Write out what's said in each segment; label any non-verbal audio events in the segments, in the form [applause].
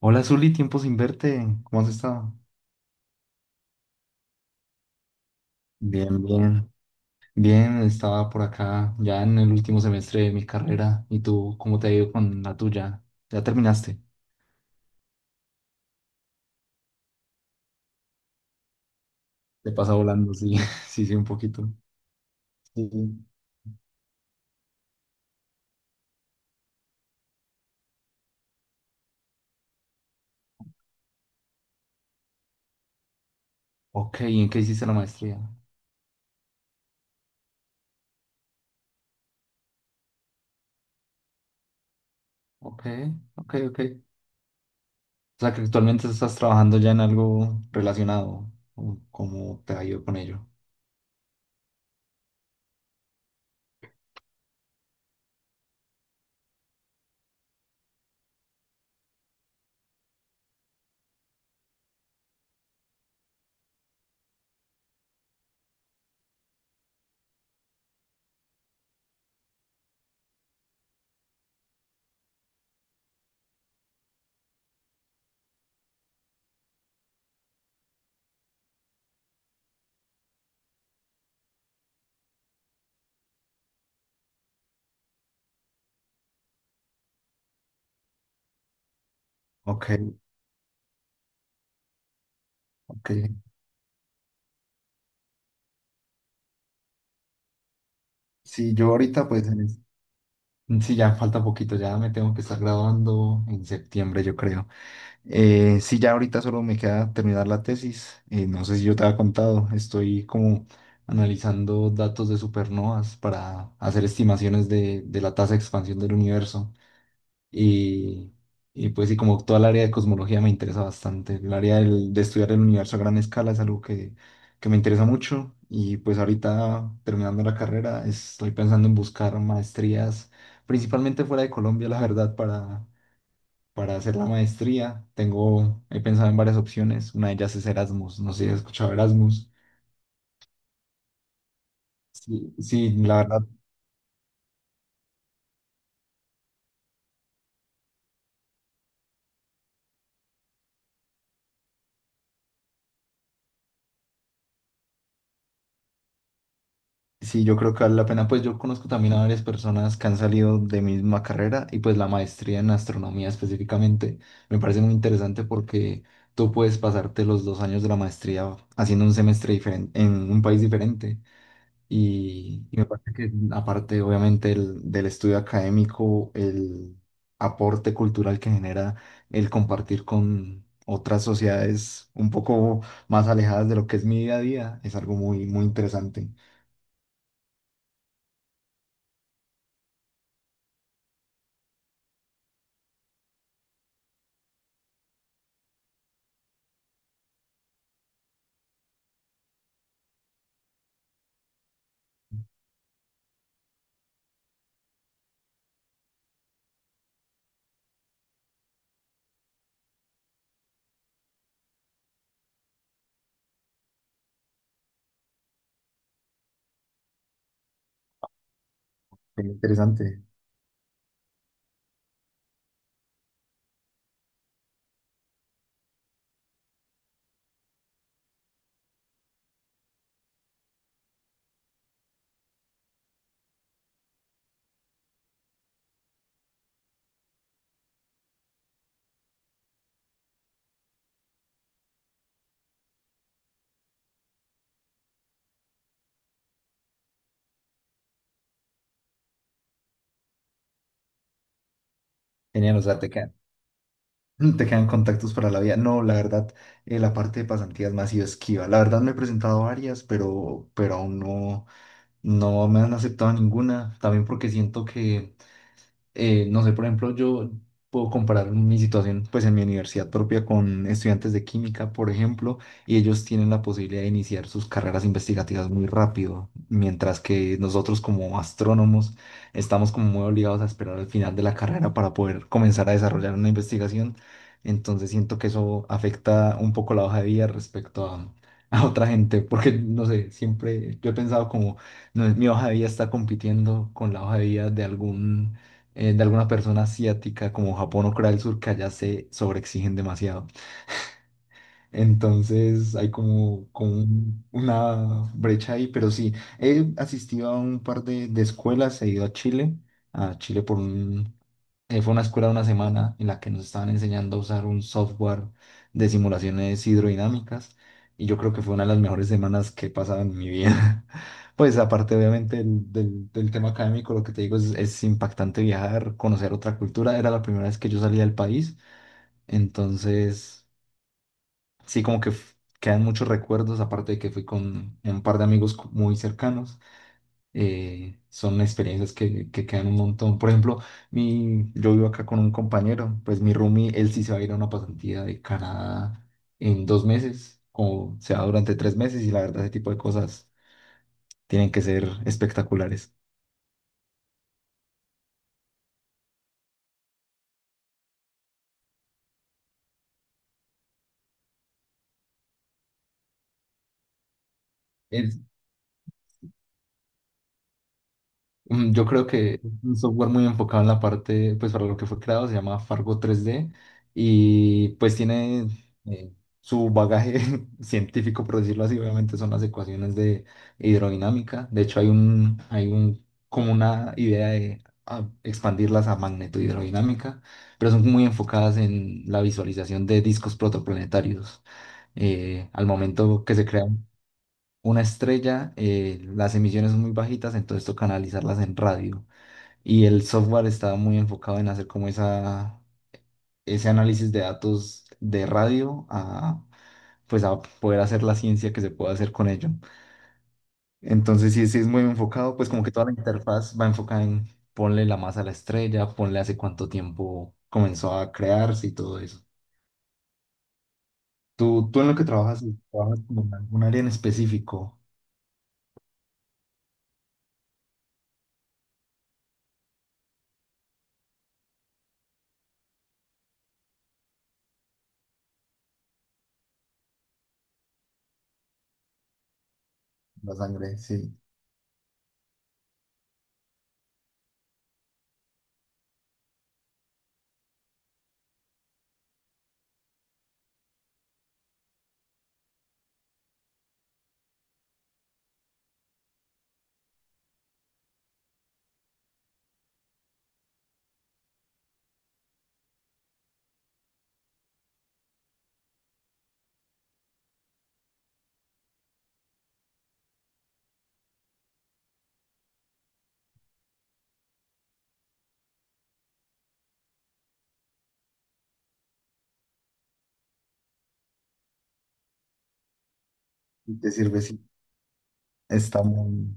Hola Zuli, tiempo sin verte. ¿Cómo has estado? Bien, bien. Bien, estaba por acá ya en el último semestre de mi carrera. ¿Y tú cómo te ha ido con la tuya? ¿Ya terminaste? Te pasa volando, sí, [laughs] sí, sí, un poquito. Sí. Ok, ¿y en qué hiciste la maestría? Ok, ok, ok. O sea que actualmente estás trabajando ya en algo relacionado. ¿Cómo te ha ido con ello? Ok, ok. Sí, yo ahorita pues en este. Sí, ya falta poquito, ya me tengo que estar graduando en septiembre, yo creo. Sí, ya ahorita solo me queda terminar la tesis. No sé si yo te había contado, estoy como analizando datos de supernovas para hacer estimaciones de la tasa de expansión del universo. Y, y pues sí, como toda el área de cosmología me interesa bastante. El área de estudiar el universo a gran escala es algo que me interesa mucho. Y pues ahorita terminando la carrera, estoy pensando en buscar maestrías, principalmente fuera de Colombia, la verdad, para hacer la maestría. Tengo, he pensado en varias opciones. Una de ellas es Erasmus. No sé si has escuchado Erasmus. Sí, sí, la verdad. Sí, yo creo que vale la pena. Pues yo conozco también a varias personas que han salido de mi misma carrera y pues la maestría en astronomía específicamente me parece muy interesante porque tú puedes pasarte los 2 años de la maestría haciendo un semestre diferente en un país diferente y me parece que aparte obviamente del estudio académico, el aporte cultural que genera el compartir con otras sociedades un poco más alejadas de lo que es mi día a día es algo muy, muy interesante. Muy interesante. Genial, o sea, te quedan, [clears throat] [laughs] te quedan contactos para la vida. No, la verdad, la parte de pasantías me ha sido esquiva. La verdad me he presentado varias, pero aún no, no me han aceptado ninguna. También porque siento que no sé, por ejemplo, yo puedo comparar mi situación pues en mi universidad propia con estudiantes de química, por ejemplo, y ellos tienen la posibilidad de iniciar sus carreras investigativas muy rápido, mientras que nosotros como astrónomos estamos como muy obligados a esperar al final de la carrera para poder comenzar a desarrollar una investigación. Entonces siento que eso afecta un poco la hoja de vida respecto a otra gente, porque no sé, siempre yo he pensado como no, mi hoja de vida está compitiendo con la hoja de vida de algún de alguna persona asiática como Japón o Corea del Sur que allá se sobreexigen demasiado. Entonces hay como, como una brecha ahí, pero sí, he asistido a un par de escuelas, he ido a Chile por un fue una escuela de una semana en la que nos estaban enseñando a usar un software de simulaciones hidrodinámicas y yo creo que fue una de las mejores semanas que he pasado en mi vida. [laughs] Pues aparte obviamente del tema académico, lo que te digo es impactante viajar, conocer otra cultura. Era la primera vez que yo salía del país, entonces sí como que quedan muchos recuerdos, aparte de que fui con un par de amigos muy cercanos. Son experiencias que quedan un montón. Por ejemplo, yo vivo acá con un compañero, pues mi roomie, él sí se va a ir a una pasantía de Canadá en 2 meses, o se va durante 3 meses, y la verdad, ese tipo de cosas tienen que ser espectaculares. Yo creo que es un software muy enfocado en la parte, pues para lo que fue creado, se llama Fargo 3D y pues tiene eh, su bagaje [laughs] científico, por decirlo así, obviamente son las ecuaciones de hidrodinámica. De hecho, hay un, como una idea de expandirlas a magnetohidrodinámica, pero son muy enfocadas en la visualización de discos protoplanetarios. Al momento que se crea una estrella, las emisiones son muy bajitas, entonces toca analizarlas en radio. Y el software está muy enfocado en hacer como ese análisis de datos de radio a, pues a poder hacer la ciencia que se puede hacer con ello. Entonces, sí, sí es muy enfocado, pues como que toda la interfaz va enfocada en ponle la masa a la estrella, ponle hace cuánto tiempo comenzó a crearse y todo eso. Tú en lo que trabajas, trabajas como en algún área en específico, la sangre, sí, y te sirve, sí, está muy...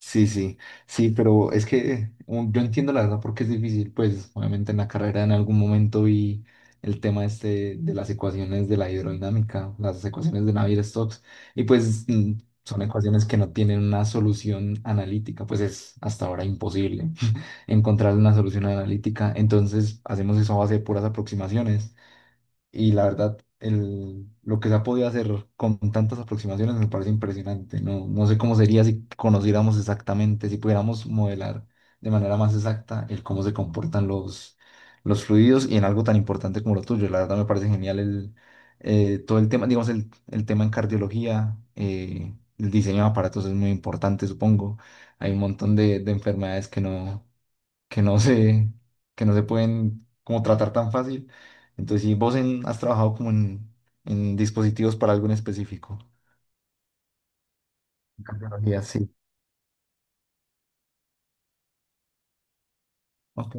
Sí, sí, sí, pero es que yo entiendo la verdad porque es difícil, pues obviamente en la carrera en algún momento vi el tema este de las ecuaciones de la hidrodinámica, las ecuaciones de Navier-Stokes, y pues son ecuaciones que no tienen una solución analítica, pues es hasta ahora imposible [laughs] encontrar una solución analítica, entonces hacemos eso a base de puras aproximaciones. Y la verdad, lo que se ha podido hacer con tantas aproximaciones me parece impresionante. No, no sé cómo sería si conociéramos exactamente, si pudiéramos modelar de manera más exacta el cómo se comportan los fluidos y en algo tan importante como lo tuyo. La verdad me parece genial todo el tema, digamos, el tema en cardiología, el diseño de aparatos es muy importante, supongo. Hay un montón de enfermedades que no se, que no se pueden como tratar tan fácil. Entonces, si vos has trabajado como en dispositivos para algo en específico. En cardiología, sí. Ok.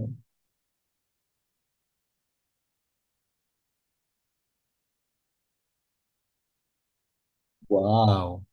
Wow.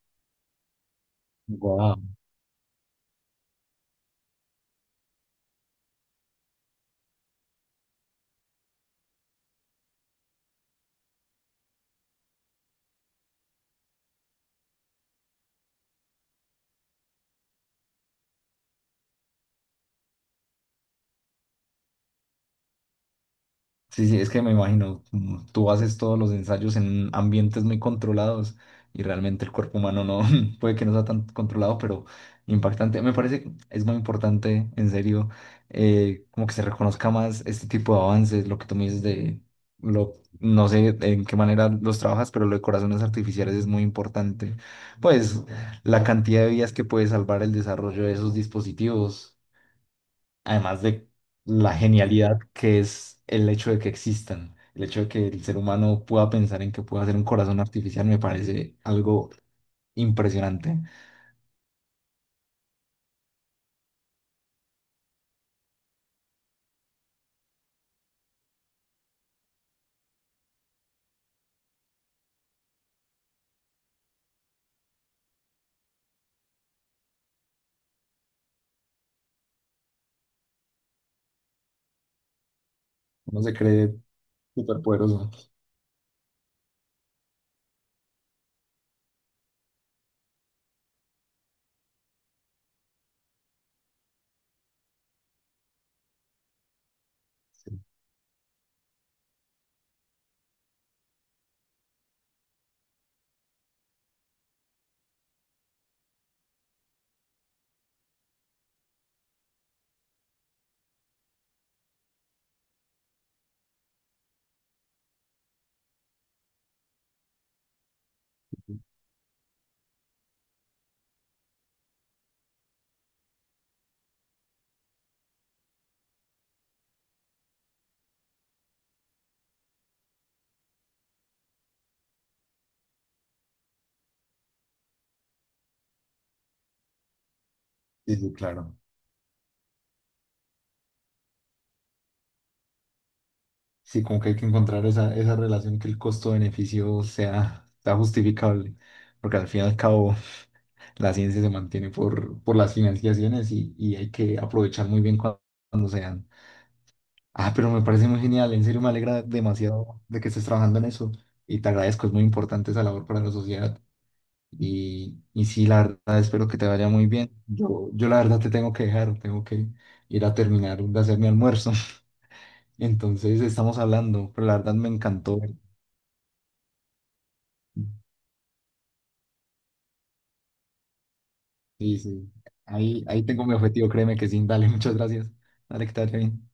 Sí, sí, es que me imagino, tú haces todos los ensayos en ambientes muy controlados y realmente el cuerpo humano no [laughs] puede que no sea tan controlado, pero impactante. Me parece que es muy importante, en serio, como que se reconozca más este tipo de avances, lo que tú me dices de, lo, no sé en qué manera los trabajas, pero lo de corazones artificiales es muy importante. Pues la cantidad de vidas que puede salvar el desarrollo de esos dispositivos además de la genialidad que es el hecho de que existan, el hecho de que el ser humano pueda pensar en que pueda hacer un corazón artificial, me parece algo impresionante. Uno se cree súper poderoso. Sí, sí, sí, claro. Sí, como que hay que encontrar esa relación que el costo-beneficio sea justificable, porque al fin y al cabo la ciencia se mantiene por las financiaciones y hay que aprovechar muy bien cuando, sean. Ah, pero me parece muy genial, en serio me alegra demasiado de que estés trabajando en eso y te agradezco, es muy importante esa labor para la sociedad y sí, la verdad espero que te vaya muy bien. Yo la verdad te tengo que dejar, tengo que ir a terminar de hacer mi almuerzo, [laughs] entonces estamos hablando, pero la verdad me encantó. Sí, sí, ahí tengo mi objetivo, créeme que sí, dale, muchas gracias. Dale, que te vaya bien.